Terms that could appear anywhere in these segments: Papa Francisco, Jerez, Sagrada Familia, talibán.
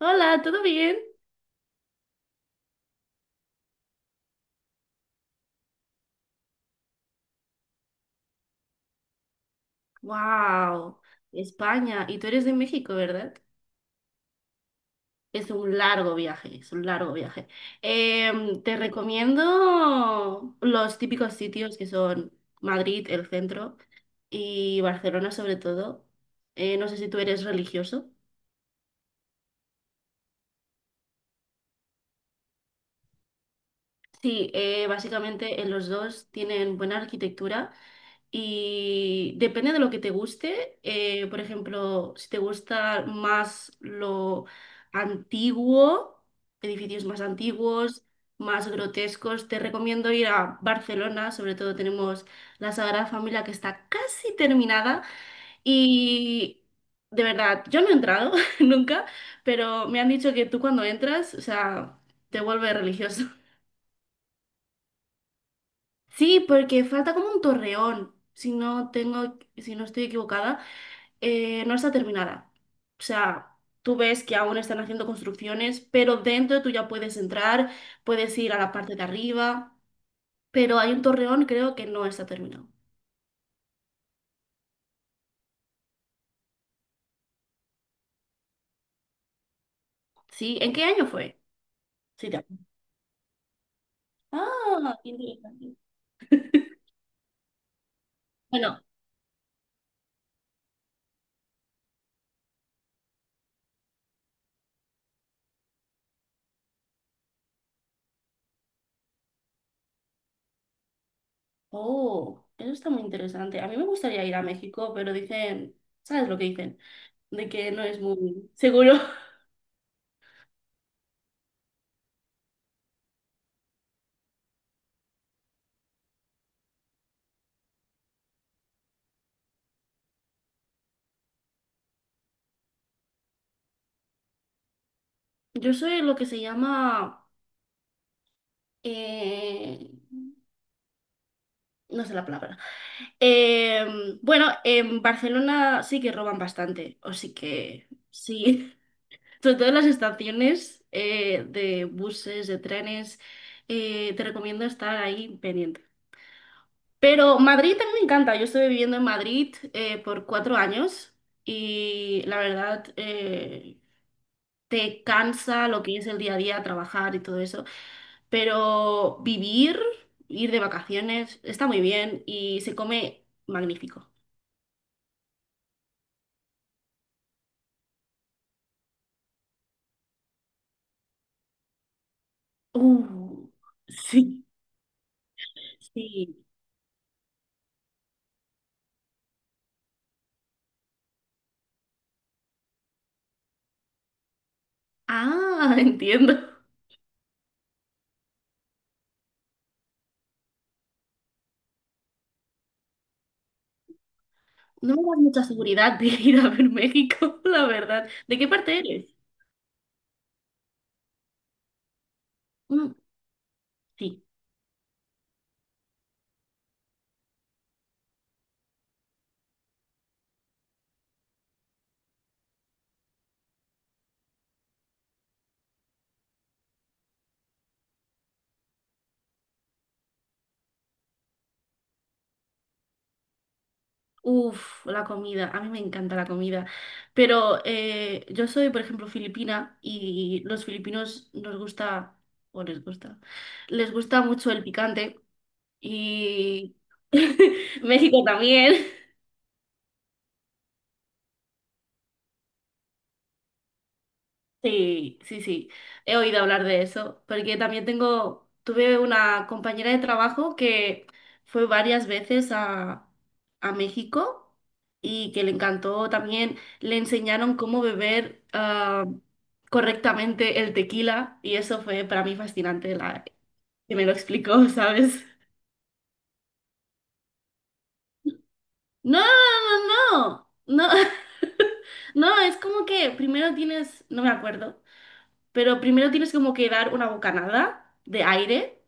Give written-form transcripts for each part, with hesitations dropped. Hola, ¿todo bien? Wow, España. Y tú eres de México, ¿verdad? Es un largo viaje, es un largo viaje. Te recomiendo los típicos sitios que son Madrid, el centro, y Barcelona sobre todo. No sé si tú eres religioso. Sí, básicamente en los dos tienen buena arquitectura. Y depende de lo que te guste. Por ejemplo, si te gusta más lo antiguo, edificios más antiguos, más grotescos, te recomiendo ir a Barcelona. Sobre todo tenemos la Sagrada Familia que está casi terminada. Y de verdad, yo no he entrado nunca, pero me han dicho que tú cuando entras, o sea, te vuelve religioso. Sí, porque falta como un torreón, si no tengo, si no estoy equivocada. No está terminada. O sea, tú ves que aún están haciendo construcciones, pero dentro tú ya puedes entrar, puedes ir a la parte de arriba, pero hay un torreón creo que no está terminado. ¿Sí? ¿En qué año fue? Sí, te acuerdas. Ah, qué interesante. Bueno, oh, eso está muy interesante. A mí me gustaría ir a México, pero dicen, ¿sabes lo que dicen? De que no es muy seguro. Yo soy lo que se llama... eh, No sé la palabra. Eh, bueno, en Barcelona sí que roban bastante, o sí que sí. Sobre todo en las estaciones de buses, de trenes, te recomiendo estar ahí pendiente. Pero Madrid también me encanta. Yo estuve viviendo en Madrid por 4 años y la verdad, te cansa lo que es el día a día, trabajar y todo eso, pero vivir, ir de vacaciones, está muy bien y se come magnífico. Uh, sí, sí. Ah, entiendo. No me das mucha seguridad de ir a ver México, la verdad. ¿De qué parte eres? Mm, sí. Uf, la comida, a mí me encanta la comida, pero yo soy, por ejemplo, filipina y los filipinos nos gusta, o les gusta mucho el picante y México también. Sí, sí, sí, he oído hablar de eso, porque también tengo, tuve una compañera de trabajo que fue varias veces a México y que le encantó también, le enseñaron cómo beber correctamente el tequila y eso fue para mí fascinante, la, que me lo explicó, ¿sabes? No, no, no, no, no, no, es como que primero tienes, no me acuerdo. Pero primero tienes como que dar una bocanada de aire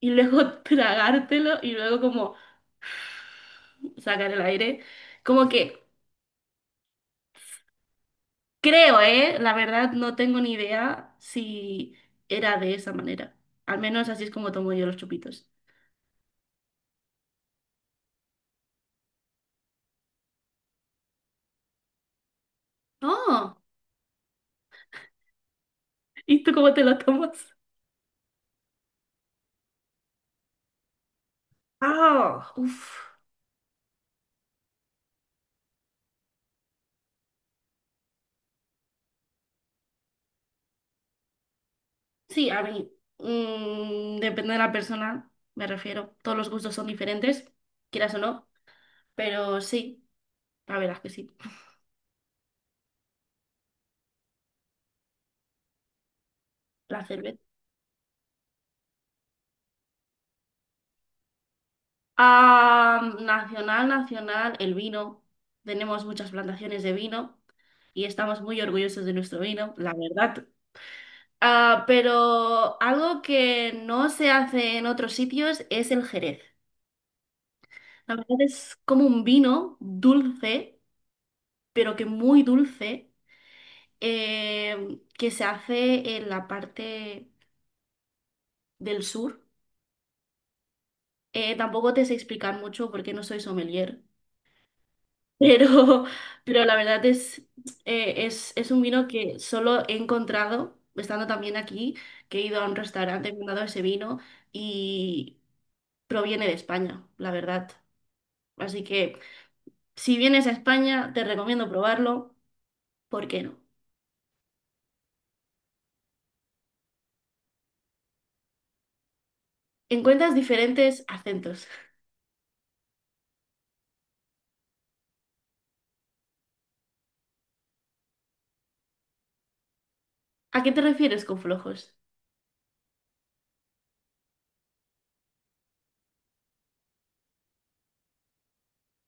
y luego tragártelo y luego como sacar el aire. Como que creo, ¿eh? La verdad no tengo ni idea si era de esa manera. Al menos así es como tomo yo los chupitos. Oh, ¿y tú cómo te lo tomas? Ah, uff. Sí, a mí. Depende de la persona, me refiero. Todos los gustos son diferentes, quieras o no. Pero sí, la verdad es que sí. La cerveza. Ah, nacional, nacional, el vino. Tenemos muchas plantaciones de vino y estamos muy orgullosos de nuestro vino, la verdad. Ah, pero algo que no se hace en otros sitios es el Jerez. La verdad es como un vino dulce, pero que muy dulce, que se hace en la parte del sur. Tampoco te sé explicar mucho porque no soy sommelier, Pero, pero la verdad es un vino que solo he encontrado, estando también aquí, que he ido a un restaurante, me han dado ese vino y proviene de España, la verdad. Así que si vienes a España, te recomiendo probarlo, ¿por qué no? Encuentras diferentes acentos. ¿A qué te refieres con flojos?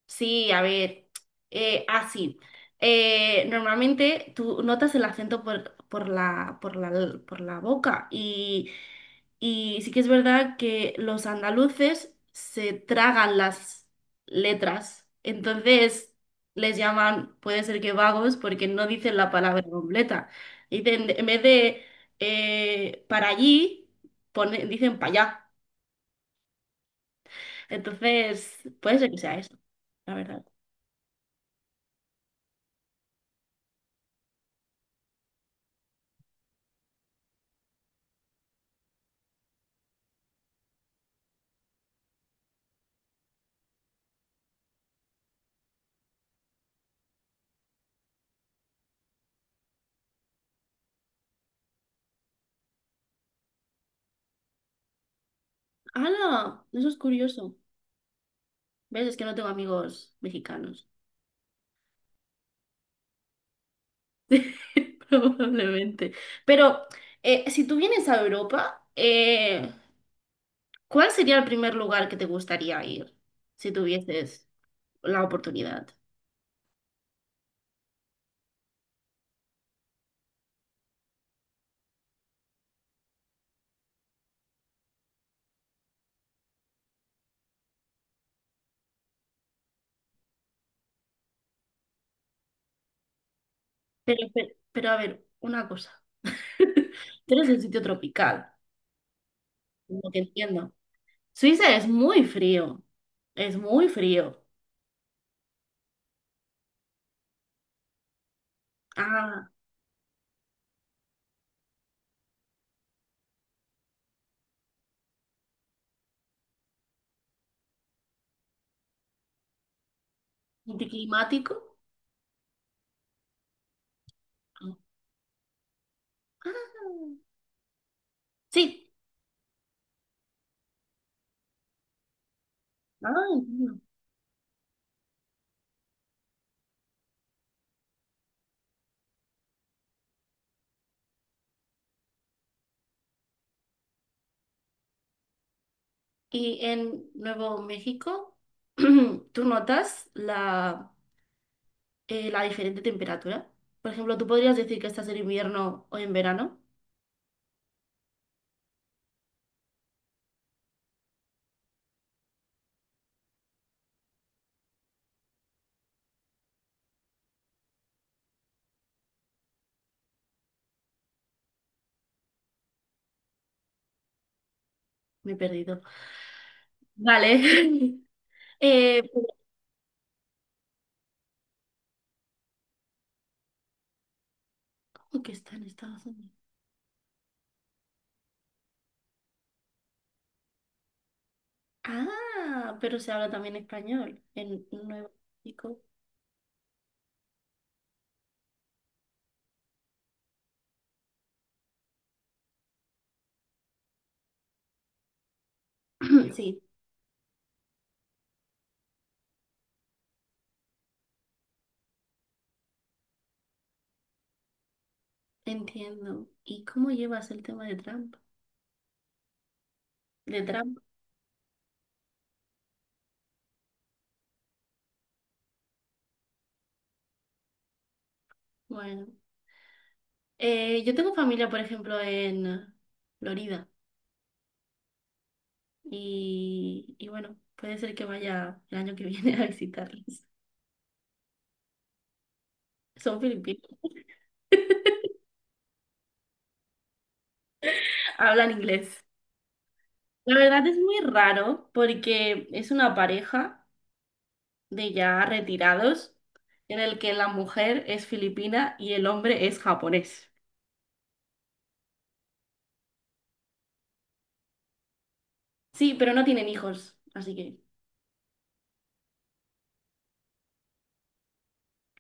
Sí, a ver, ah, sí. Normalmente tú notas el acento por la boca y sí que es verdad que los andaluces se tragan las letras, entonces les llaman, puede ser que vagos, porque no dicen la palabra completa. Dicen, en vez de para allí, dicen para allá. Entonces, puede ser que sea eso, la verdad. ¡Hala! Eso es curioso. ¿Ves? Es que no tengo amigos mexicanos. Probablemente. Pero si tú vienes a Europa, ¿cuál sería el primer lugar que te gustaría ir si tuvieses la oportunidad? Pero, a ver, una cosa. Tú eres el sitio tropical, lo que entiendo. Suiza es muy frío. Es muy frío. Ah, anticlimático. Ah, sí. Ay, Dios. Y en Nuevo México, tú notas la diferente temperatura. Por ejemplo, tú podrías decir que estás en invierno o en verano. Me he perdido. Vale. Eh, que está en Estados Unidos. Ah, pero se habla también español en Nuevo México. Sí, entiendo. ¿Y cómo llevas el tema de Trump? De Trump. Bueno, yo tengo familia, por ejemplo, en Florida. Y bueno, puede ser que vaya el año que viene a visitarlos. Son filipinos, hablan inglés. La verdad es muy raro porque es una pareja de ya retirados en el que la mujer es filipina y el hombre es japonés. Sí, pero no tienen hijos, así que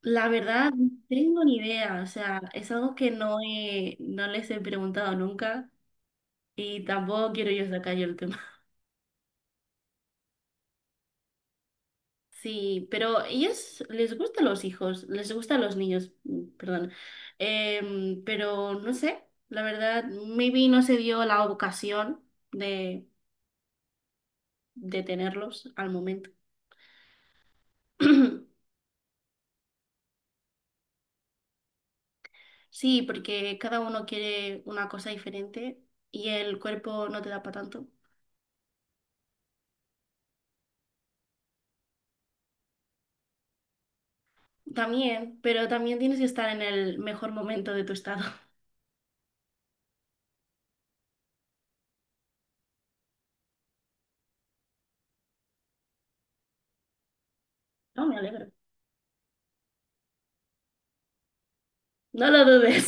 la verdad no tengo ni idea, o sea, es algo que no les he preguntado nunca y tampoco quiero yo sacar yo el tema. Sí, pero ellas les gustan los hijos, les gustan los niños, mm, perdón. Pero no sé, la verdad, maybe no se dio la ocasión de, de tenerlos al momento. Sí, porque cada uno quiere una cosa diferente y el cuerpo no te da para tanto. También, pero también tienes que estar en el mejor momento de tu estado. No, me alegro. No lo dudes.